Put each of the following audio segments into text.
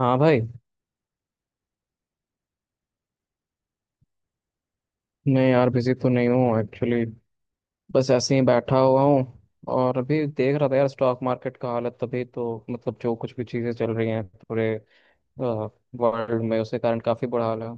हाँ भाई। मैं यार बिजी तो नहीं हूँ एक्चुअली, बस ऐसे ही बैठा हुआ हूँ। और अभी देख रहा था यार स्टॉक मार्केट का हालत, तभी तो मतलब जो कुछ भी चीज़ें चल रही हैं पूरे वर्ल्ड में उसके कारण काफ़ी बुरा हाल है।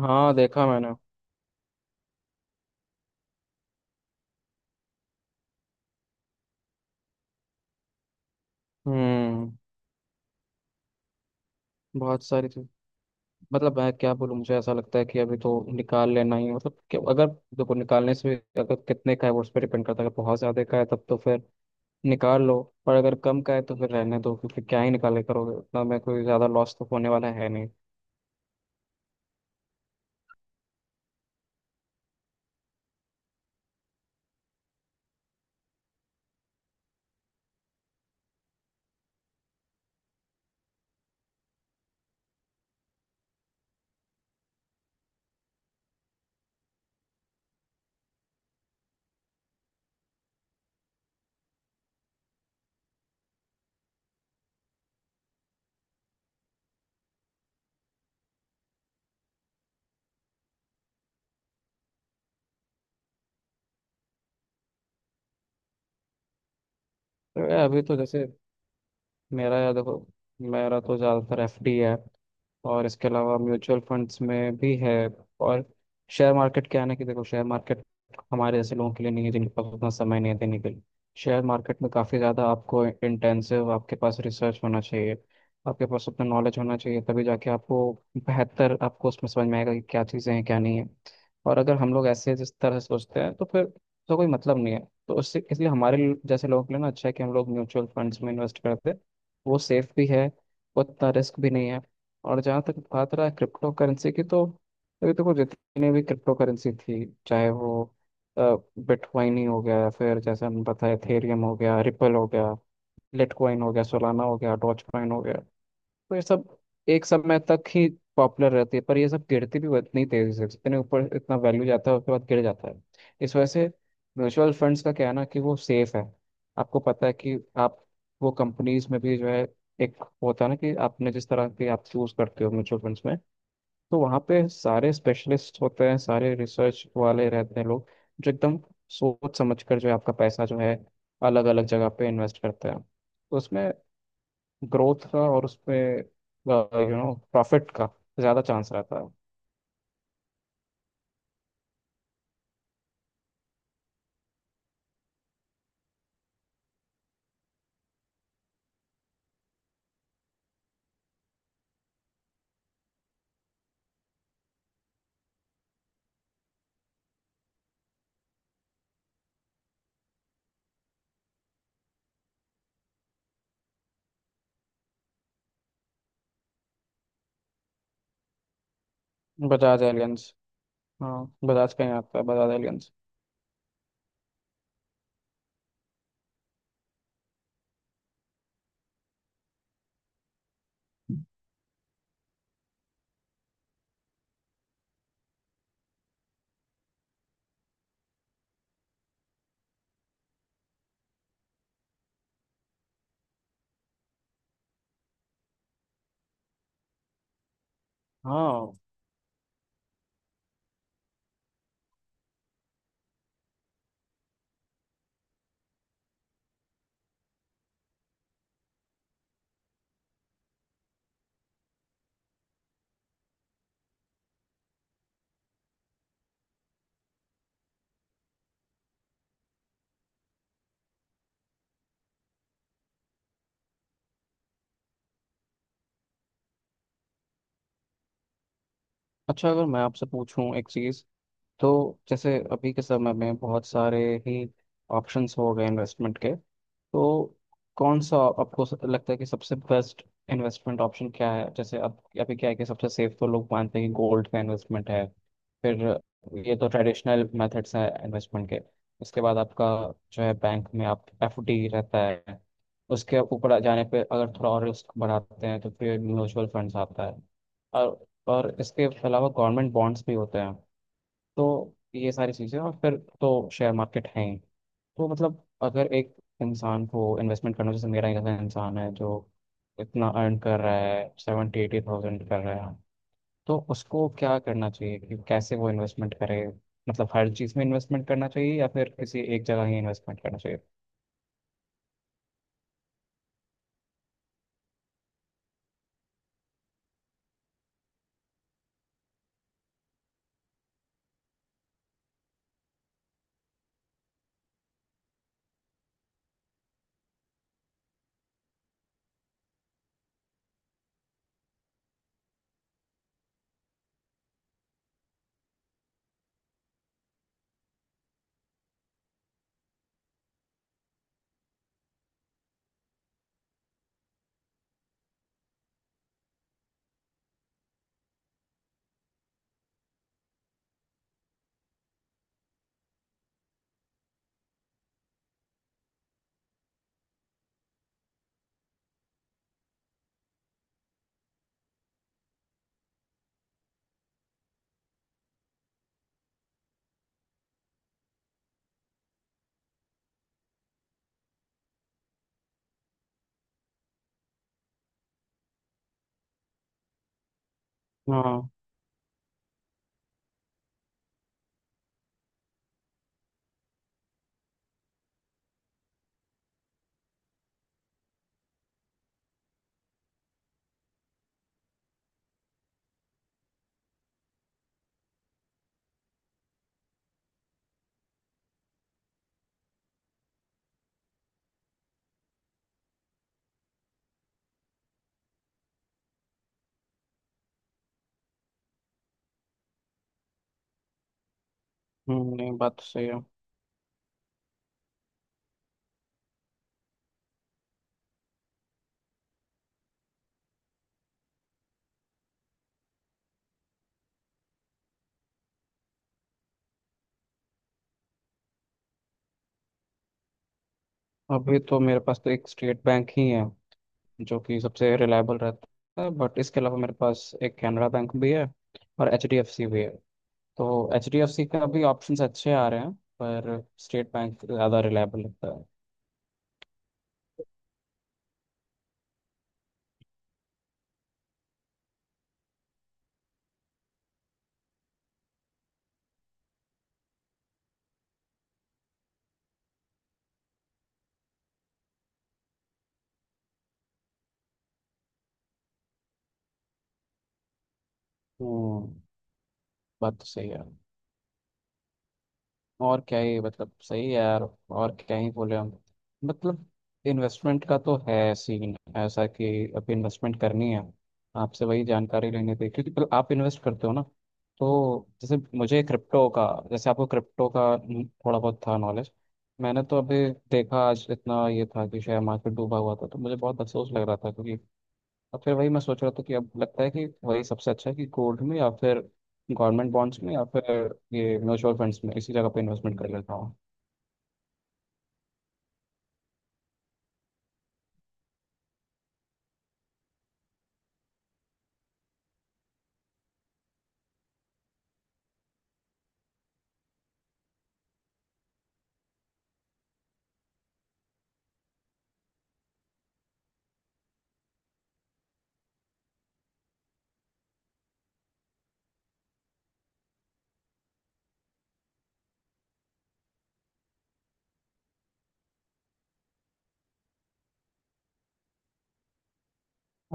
हाँ, देखा मैंने। हम्म। बहुत सारी चीज, मतलब मैं क्या बोलूँ, मुझे ऐसा लगता है कि अभी तो निकाल लेना ही, मतलब कि अगर देखो अगर कितने का है वो उस पर डिपेंड करता है, अगर बहुत ज़्यादा का है तब तो फिर निकाल लो। पर अगर कम का है तो फिर रहने दो, क्योंकि क्या ही निकाले करोगे उतना में, कोई ज़्यादा लॉस तो होने वाला है नहीं। तो यार अभी तो जैसे मेरा, यार देखो, मेरा तो ज़्यादातर एफडी है। और इसके अलावा म्यूचुअल फंड्स में भी है। और शेयर मार्केट क्या है ना, कि देखो शेयर मार्केट हमारे जैसे लोगों के लिए नहीं है, जिनके पास उतना समय नहीं है देने के लिए। शेयर मार्केट में काफ़ी ज़्यादा आपको इंटेंसिव, आपके पास रिसर्च होना चाहिए, आपके पास उतना नॉलेज होना चाहिए, तभी जाके आपको बेहतर आपको उसमें समझ में आएगा कि क्या चीज़ें हैं क्या नहीं है। और अगर हम लोग ऐसे जिस तरह से सोचते हैं तो फिर तो कोई मतलब नहीं है। तो उससे इसलिए जैसे लोगों के लिए ना अच्छा है कि हम लोग म्यूचुअल फंड्स में इन्वेस्ट करते हैं। वो सेफ भी है, उतना रिस्क भी नहीं है। और जहाँ तक बात रहा क्रिप्टो करेंसी की, तो अभी देखो जितनी भी क्रिप्टो करेंसी थी, चाहे वो बिटकॉइन ही हो गया या फिर जैसे हम बताए एथेरियम हो गया, रिपल हो गया, लिटकॉइन हो गया, सोलाना हो गया, डॉज कॉइन हो गया। तो ये सब एक समय तक ही पॉपुलर रहती है, पर ये सब गिरती भी इतनी तेजी से, इतने ऊपर इतना वैल्यू जाता है उसके बाद गिर जाता है। इस वजह से म्यूचुअल फंड्स का क्या है ना कि वो सेफ है। आपको पता है कि आप वो कंपनीज में भी जो है, एक होता है ना कि आपने जिस तरह के आप चूज करते हो म्यूचुअल फंड्स में, तो वहाँ पे सारे स्पेशलिस्ट होते हैं, सारे रिसर्च वाले रहते हैं लोग, जो एकदम सोच समझ कर जो है आपका पैसा जो है अलग अलग जगह पे इन्वेस्ट करते हैं। तो उसमें ग्रोथ का और उसपे यू नो प्रॉफिट का ज़्यादा चांस रहता है। बजाज एलियंस। हाँ, बजाज का ही आता है, बजाज एलियंस। हाँ। अच्छा, अगर मैं आपसे पूछूं एक चीज़, तो जैसे अभी के समय में बहुत सारे ही ऑप्शंस हो गए इन्वेस्टमेंट के, तो कौन सा आपको लगता है कि सबसे बेस्ट इन्वेस्टमेंट ऑप्शन क्या है? जैसे अब अभी क्या है कि सबसे सेफ तो लोग मानते हैं कि गोल्ड का इन्वेस्टमेंट है, फिर ये तो ट्रेडिशनल मेथड्स हैं इन्वेस्टमेंट के। उसके बाद आपका जो है बैंक में आप एफडी रहता है, उसके ऊपर जाने पे अगर थोड़ा और रिस्क बढ़ाते हैं तो फिर म्यूचुअल फंड्स आता है। और इसके अलावा गवर्नमेंट बॉन्ड्स भी होते हैं। तो ये सारी चीज़ें, और फिर तो शेयर मार्केट है ही। तो मतलब अगर एक इंसान को इन्वेस्टमेंट करना, जैसे मेरा जैसा इंसान है जो इतना अर्न कर रहा है, 70-80,000 कर रहा है, तो उसको क्या करना चाहिए कि कैसे वो इन्वेस्टमेंट करे? मतलब हर चीज़ में इन्वेस्टमेंट करना चाहिए या फिर किसी एक जगह ही इन्वेस्टमेंट करना चाहिए? हाँ। नहीं, बात तो सही है। अभी तो मेरे पास तो एक स्टेट बैंक ही है, जो कि सबसे रिलायबल रहता है। बट इसके अलावा मेरे पास एक कैनरा बैंक भी है और HDFC भी है। तो HDFC का भी ऑप्शंस अच्छे आ रहे हैं, पर स्टेट बैंक ज़्यादा रिलायबल लगता है। हम्म। बात तो सही है। और क्या ही मतलब सही है यार, और क्या ही बोले हम। मतलब इन्वेस्टमेंट का तो है सीन ऐसा कि अब इन्वेस्टमेंट करनी है। आपसे वही जानकारी लेनी थी, क्योंकि पहले आप इन्वेस्ट करते हो ना। तो जैसे मुझे क्रिप्टो का, जैसे आपको क्रिप्टो का थोड़ा बहुत था नॉलेज। मैंने तो अभी देखा आज, इतना ये था कि शेयर मार्केट डूबा हुआ था तो मुझे बहुत अफसोस लग रहा था क्योंकि, और फिर वही मैं सोच रहा था कि अब लगता है कि वही सबसे अच्छा है कि गोल्ड में या फिर गवर्नमेंट बॉन्ड्स में या फिर ये म्यूचुअल फंड्स में इसी जगह पे इन्वेस्टमेंट कर लेता हूँ।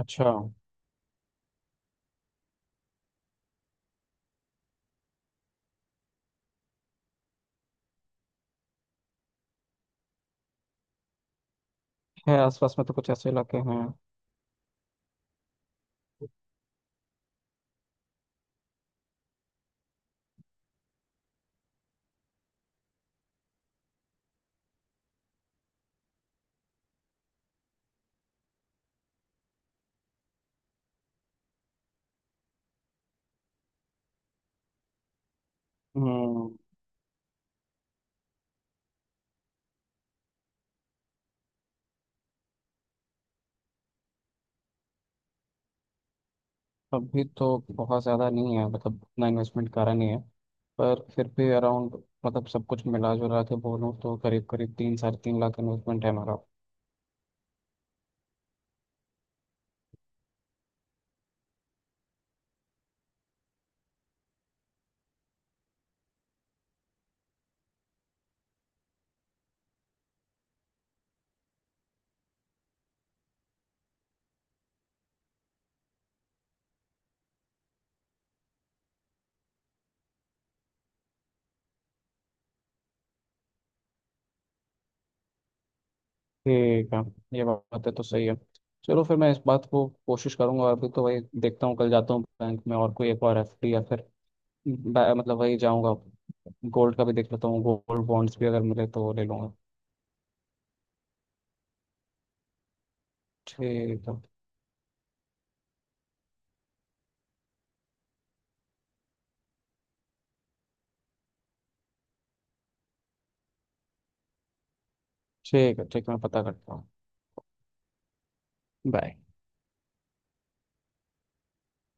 अच्छा। है, आसपास में तो कुछ ऐसे इलाके हैं। हम्म। अभी तो बहुत ज़्यादा नहीं है, मतलब उतना इन्वेस्टमेंट करा नहीं है, पर फिर भी अराउंड, मतलब सब कुछ मिला जुला के बोलूँ तो करीब करीब 3 साढ़े 3 लाख इन्वेस्टमेंट है मेरा। ठीक है। ये बात है तो सही है। चलो फिर मैं इस बात को कोशिश करूंगा, अभी तो वही देखता हूँ, कल जाता हूँ बैंक में और कोई एक और FD या फिर मतलब वही जाऊंगा। गोल्ड का भी देख लेता हूँ, गोल्ड बॉन्ड्स भी अगर मिले तो ले लूंगा। ठीक है। ठीक है ठीक है, मैं पता करता हूँ। बाय।